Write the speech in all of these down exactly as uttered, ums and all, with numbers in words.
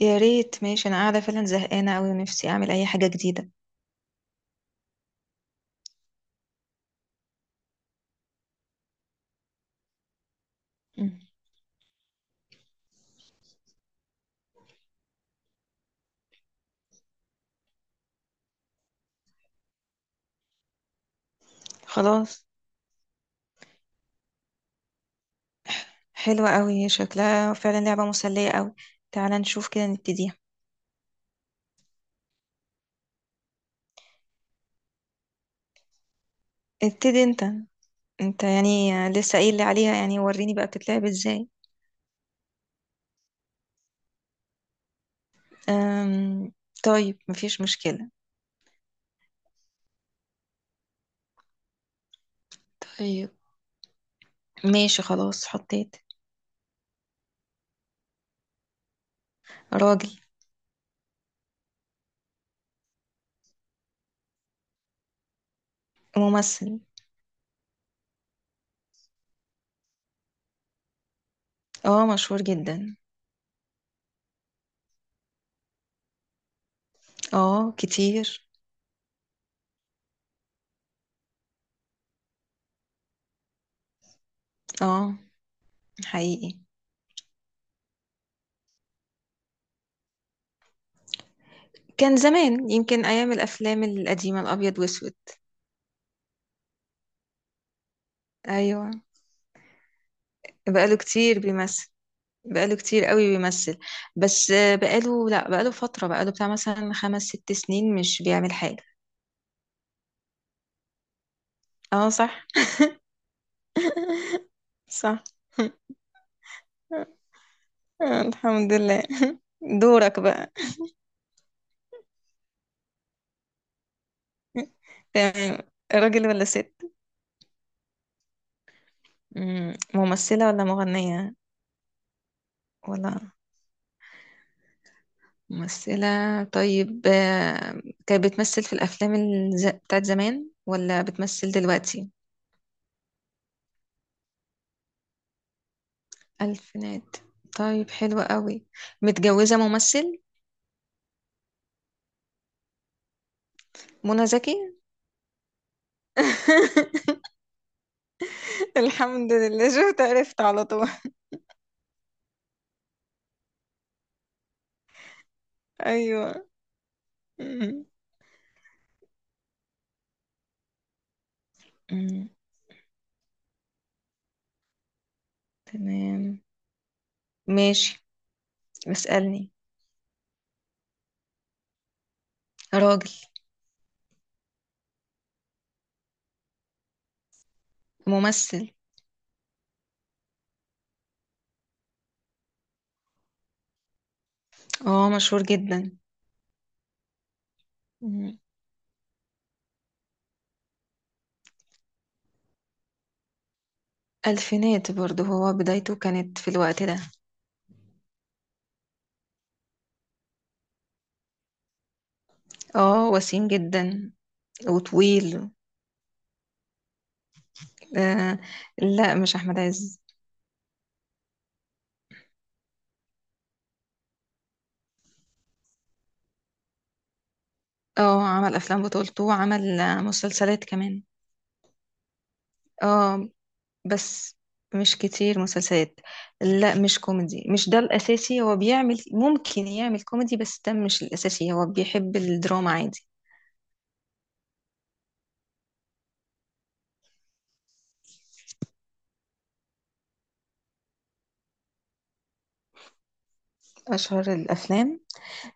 يا ريت. ماشي، انا قاعده فعلا زهقانه قوي ونفسي اعمل اي حاجه جديده. مم. خلاص. حلوه قوي شكلها، فعلا لعبه مسليه قوي. تعالى نشوف كده نبتديها. ابتدي انت. انت يعني. لسه قايل لي عليها يعني، وريني بقى بتتلعب ازاي. أم... طيب، مفيش مشكله. طيب. ماشي، خلاص حطيت. راجل. ممثل. اه، مشهور جدا. اه، كتير. اه، حقيقي. كان زمان، يمكن ايام الافلام القديمه الابيض واسود. ايوه. بقاله كتير بيمثل. بقاله كتير قوي بيمثل. بس آه، بقاله لا بقاله فترة، بقاله بتاع مثلا خمس ست سنين مش بيعمل حاجة. اه صح. صح. الحمد لله. دورك بقى. تمام. راجل ولا ست؟ مم، ممثلة ولا مغنية؟ ولا ممثلة. طيب آه، كانت بتمثل في الأفلام الز... بتاعت زمان ولا بتمثل دلوقتي؟ ألفينات. طيب حلوة قوي. متجوزة ممثل. منى زكي. الحمد لله، شفت عرفت على طول. ايوه. أمم، أمم، تمام. ماشي. اسألني. راجل. ممثل. اه، مشهور جدا. أمم، الفينات برضه، هو بدايته كانت في الوقت ده. اه، وسيم جدا. وطويل. آه. لا، مش احمد عز. اه، عمل افلام بطولته، وعمل آه، مسلسلات كمان. اه، بس مش كتير مسلسلات. لا، مش كوميدي، مش ده الأساسي. هو بيعمل، ممكن يعمل كوميدي، بس ده مش الأساسي. هو بيحب الدراما عادي. أشهر الأفلام.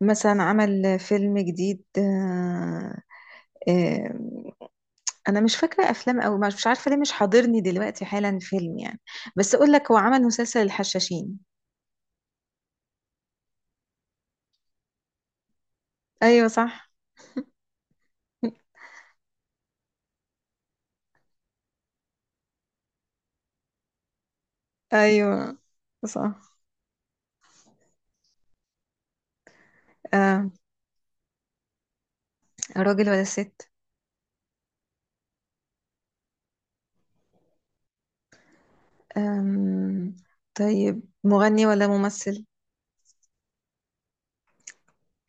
مثلا عمل فيلم جديد آه، آه، أنا مش فاكرة أفلام، أو مش مش عارفة ليه، مش حاضرني دلوقتي حالا فيلم يعني. بس أقول لك، هو عمل مسلسل الحشاشين. أيوة صح. أيوة صح. آه، راجل ولا ست. آم، طيب مغني ولا ممثل.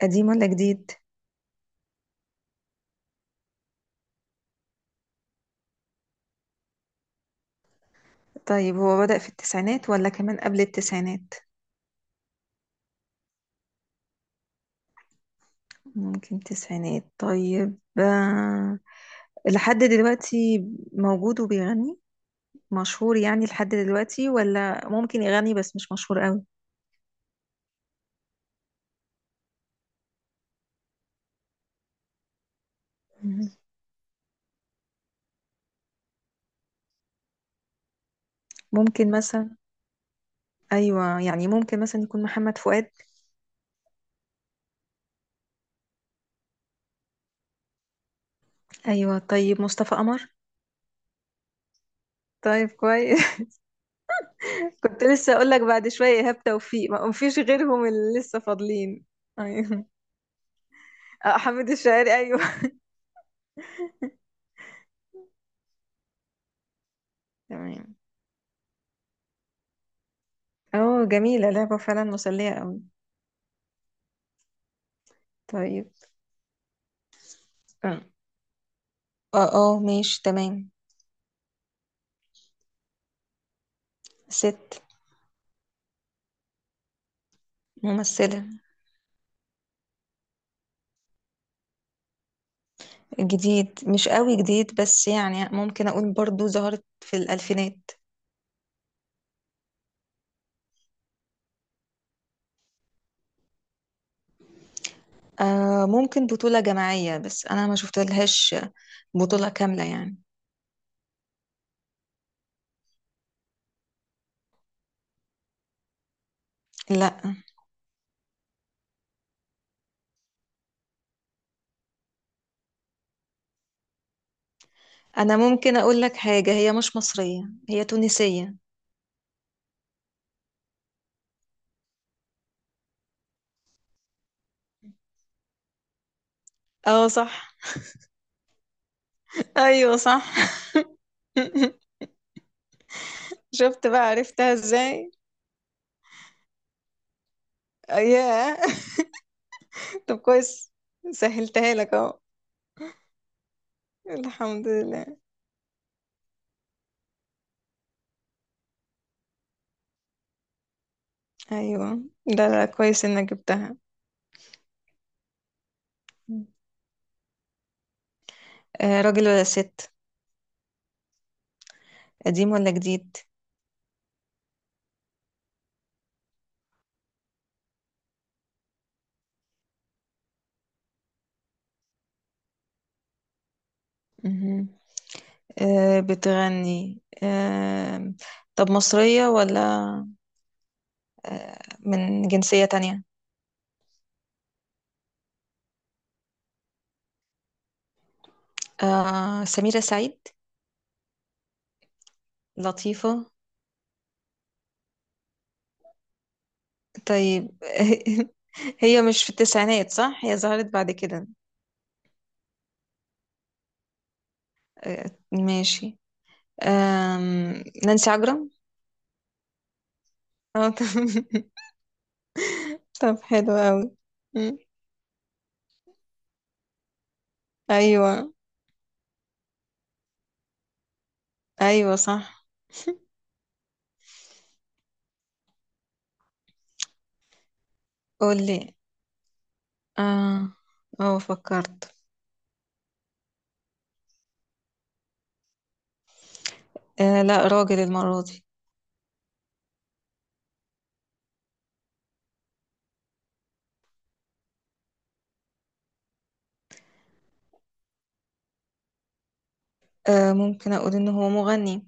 قديم ولا جديد. طيب هو بدأ في التسعينات ولا كمان قبل التسعينات. ممكن تسعينات. طيب آه، لحد دلوقتي موجود وبيغني؟ مشهور يعني لحد دلوقتي، ولا ممكن يغني بس مش مشهور قوي. مم. ممكن مثلا. ايوه يعني، ممكن مثلا يكون محمد فؤاد. ايوه، طيب مصطفى قمر. طيب كويس. كنت لسه اقول لك بعد شويه ايهاب توفيق، ما فيش غيرهم اللي لسه فاضلين. ايوه. آه، حميد الشاعري، ايوه. تمام. اه، جميلة لعبة، فعلا مسلية أوي. طيب. اه اه آه، ماشي تمام. ست. ممثلة. جديد، مش قوي جديد، بس يعني ممكن أقول برضو ظهرت في الألفينات. آه، ممكن بطولة جماعية، بس أنا ما شفتلهاش. بطولة كاملة يعني. لا. أنا ممكن أقول لك حاجة، هي مش مصرية. هي تونسية. اه صح. أيوه صح. شفت بقى عرفتها ازاي. آه، ياه. طب كويس. سهلتها لك اهو. الحمد لله. ايوه، ده لا، كويس انك جبتها. مم. آه، راجل ولا ست. قديم ولا جديد. مهم. آه، بتغني آه. طب مصرية، ولا آه، من جنسية تانية. آه، سميرة سعيد. لطيفة. طيب. هي مش في التسعينات، صح؟ هي ظهرت بعد كده. آه، ماشي. آم، نانسي عجرم. آه، طب. طب حلو قوي. مم. أيوة. أيوة صح. قولي. اه. اه فكرت. آه، لا راجل المرة دي. آه، ممكن اقول ان هو مغني.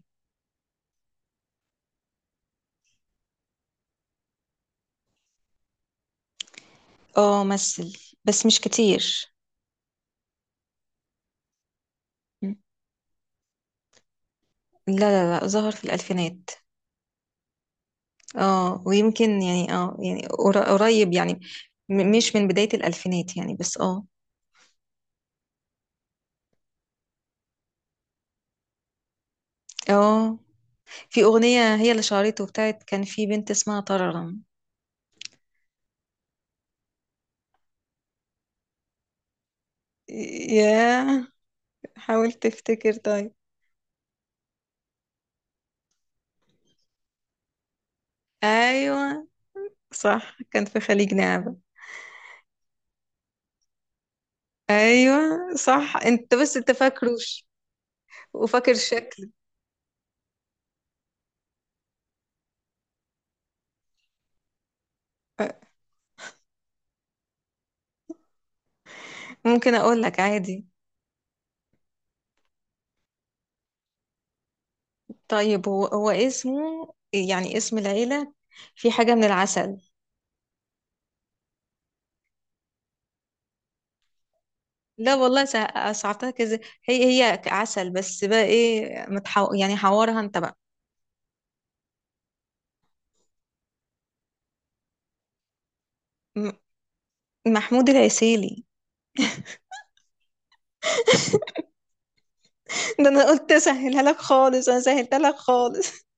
اه، مثل، بس مش كتير. م. لا لا لا، ظهر في الالفينات. اه، ويمكن يعني، اه يعني قر- قريب يعني. م- مش من بداية الالفينات يعني، بس اه. اه. في اغنية هي اللي شهرته، بتاعت كان في بنت اسمها طررم. ياه. حاول تفتكر طيب. ايوه صح، كان في خليج نعمة. ايوه صح، انت بس انت فاكروش. وفاكر شكله. ممكن اقول لك عادي. طيب هو هو اسمه، يعني اسم العيلة، في حاجة من العسل. لا والله، سع- صعبتها كذا. هي هي عسل، بس بقى ايه، متحو... يعني حوارها انت بقى. م- محمود العسيلي. ده انا قلت اسهلها لك خالص، انا سهلتها لك خالص.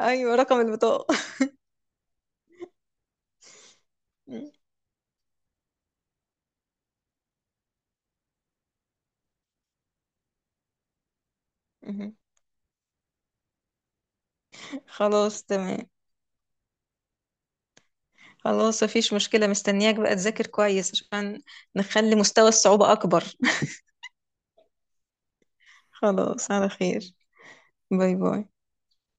ايوه، رقم البطاقة. مهم. خلاص تمام. خلاص، مفيش مشكلة، مستنياك بقى تذاكر كويس عشان نخلي مستوى الصعوبة اكبر. خلاص، على خير. باي باي.